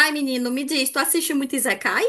Ai, menino, me diz, tu assiste muito Isekai?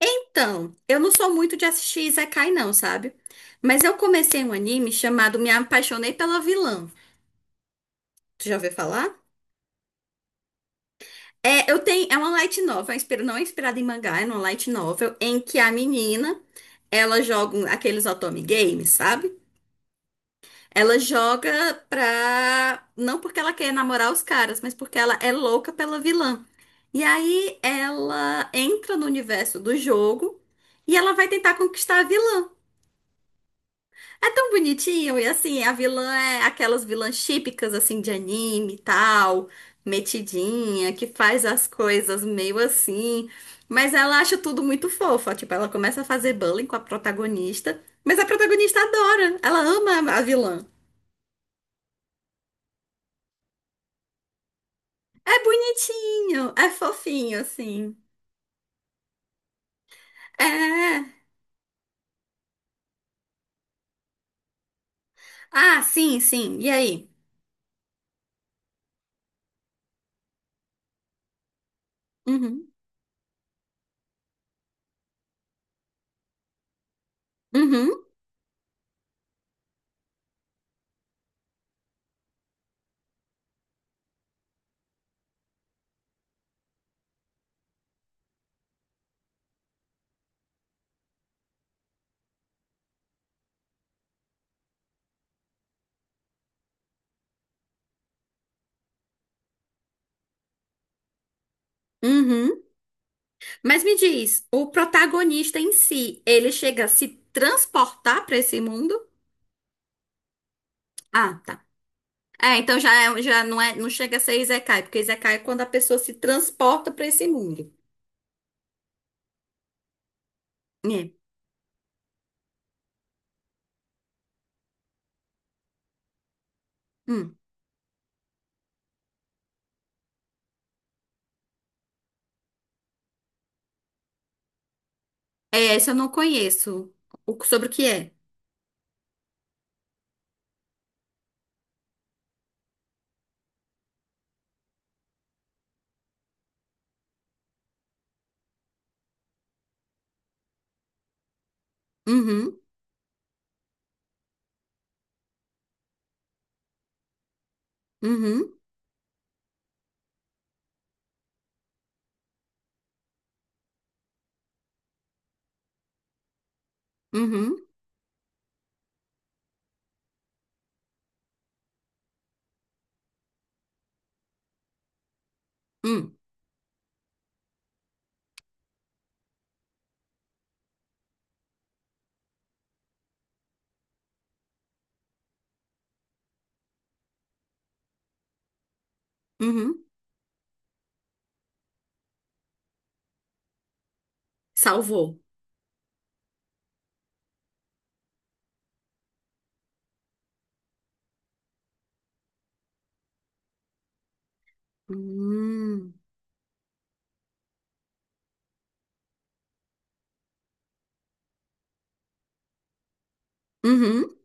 Então, eu não sou muito de assistir Isekai, não, sabe? Mas eu comecei um anime chamado Me Apaixonei pela Vilã. Tu já ouviu falar? É, eu tenho, é uma light novel, não é inspirada em mangá, é uma light novel em que a menina, ela aqueles otome games, sabe? Ela joga pra. Não porque ela quer namorar os caras, mas porque ela é louca pela vilã. E aí ela entra no universo do jogo e ela vai tentar conquistar a vilã. É tão bonitinho, e assim, a vilã é aquelas vilãs típicas, assim, de anime e tal, metidinha, que faz as coisas meio assim. Mas ela acha tudo muito fofa. Tipo, ela começa a fazer bullying com a protagonista, mas a protagonista adora, ela ama a vilã. É bonitinho, é fofinho, assim. É. É. Ah, sim, sim. E aí? Uhum, uhum, uhum. Mas me diz, o protagonista em si, ele chega a se transportar pra esse mundo? Ah, tá. É, então já, já não é, não chega a ser Isekai, porque Isekai é quando a pessoa se transporta pra esse mundo. É. Hum. É, esse eu não conheço. O, sobre o que é? Uhum, uhum, uhum, uhum, uhum. Salvou. Hum. Uhum.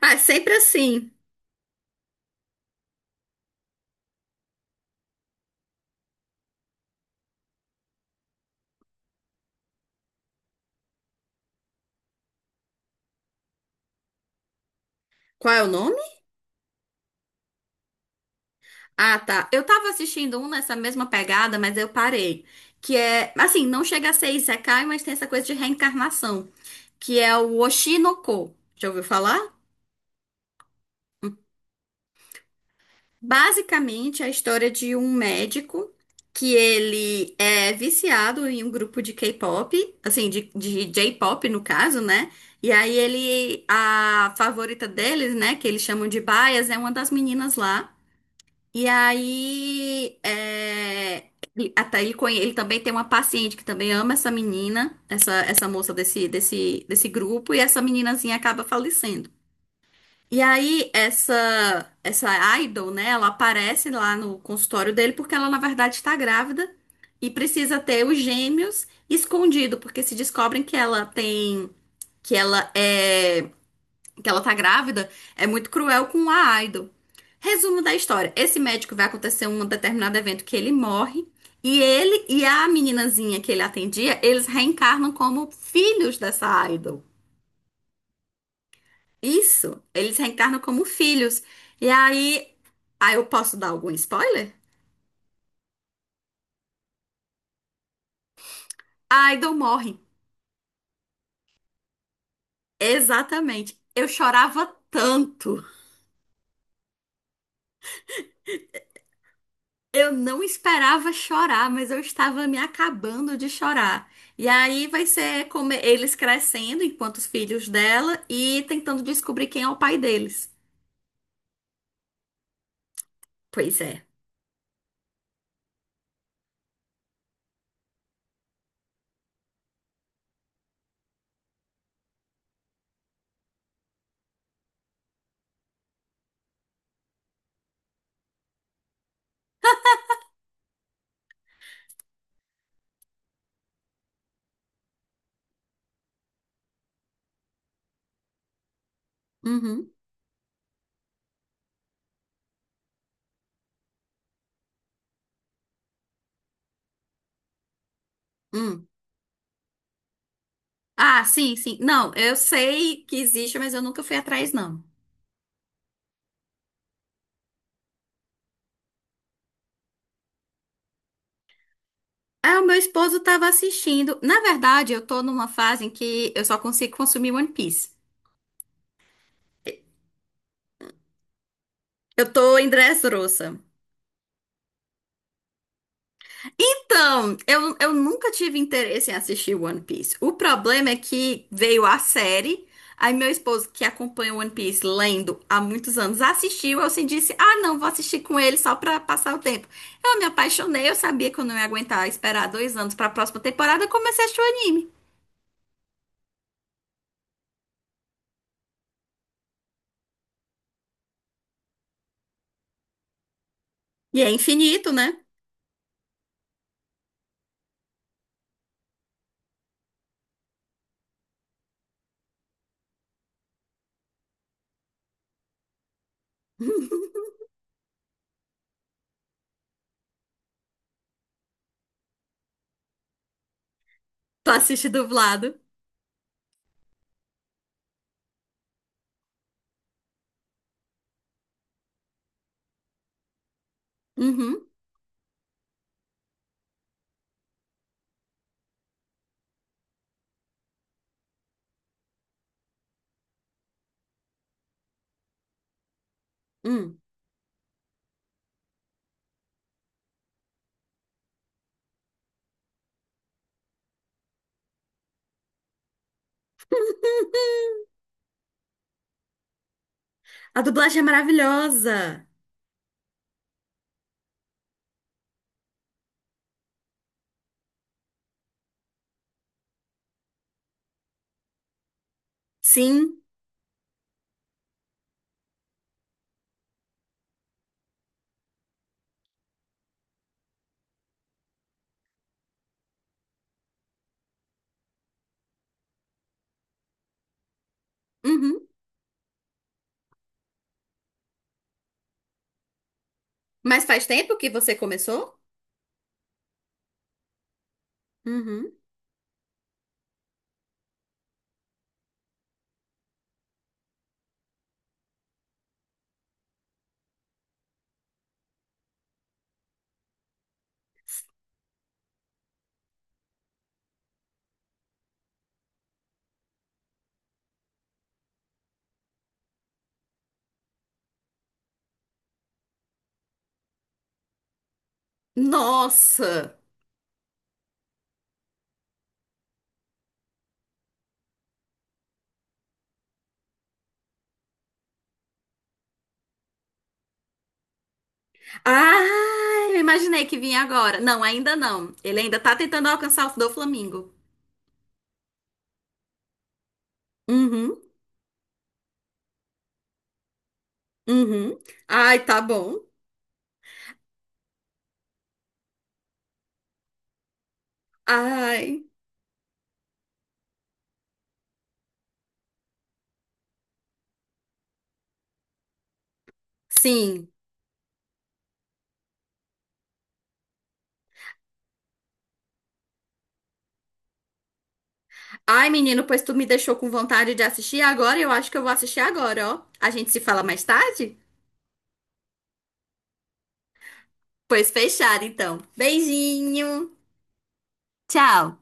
Ah, é sempre assim. Qual é o nome? Ah, tá. Eu tava assistindo um nessa mesma pegada, mas eu parei. Que é, assim, não chega a ser Isekai, mas tem essa coisa de reencarnação, que é o Oshinoko. Já ouviu falar? Basicamente, é a história de um médico que ele é viciado em um grupo de K-pop, assim, de J-pop no caso, né? E aí ele, a favorita deles, né, que eles chamam de Bias, é uma das meninas lá. E aí, é, ele também tem uma paciente que também ama essa menina, essa moça desse grupo, e essa meninazinha acaba falecendo. E aí, essa idol, né, ela aparece lá no consultório dele porque ela, na verdade, está grávida e precisa ter os gêmeos escondido, porque se descobrem que ela é que ela tá grávida, é muito cruel com a Idol. Resumo da história: esse médico vai acontecer um determinado evento que ele morre, e ele e a meninazinha que ele atendia, eles reencarnam como filhos dessa Idol. Isso, eles reencarnam como filhos. E aí, aí eu posso dar algum spoiler? A Idol morre. Exatamente. Eu chorava tanto. Eu não esperava chorar, mas eu estava me acabando de chorar. E aí vai ser como eles crescendo enquanto os filhos dela e tentando descobrir quem é o pai deles. Pois é. Uhum. Hum. Ah, sim, sim. Não, eu sei que existe, mas eu nunca fui atrás, não. Ah, o meu esposo estava assistindo. Na verdade, eu tô numa fase em que eu só consigo consumir One Piece. Eu tô em Dressrosa. Então, eu nunca tive interesse em assistir One Piece. O problema é que veio a série, aí meu esposo, que acompanha One Piece lendo há muitos anos, assistiu. Eu assim disse: Ah, não, vou assistir com ele só pra passar o tempo. Eu me apaixonei, eu sabia que eu não ia aguentar esperar 2 anos pra próxima temporada. Eu comecei a assistir o anime. E é infinito, né? Tu assiste dublado. Uhum, hum. A dublagem é maravilhosa. Sim. Uhum. Mas faz tempo que você começou? Uhum. Nossa! Ah, eu imaginei que vinha agora. Não, ainda não. Ele ainda tá tentando alcançar o do Flamengo. Uhum, uhum. Ai, tá bom. Ai, sim. Ai, menino, pois tu me deixou com vontade de assistir agora. Eu acho que eu vou assistir agora, ó. A gente se fala mais tarde? Pois fechado, então. Beijinho. Tchau.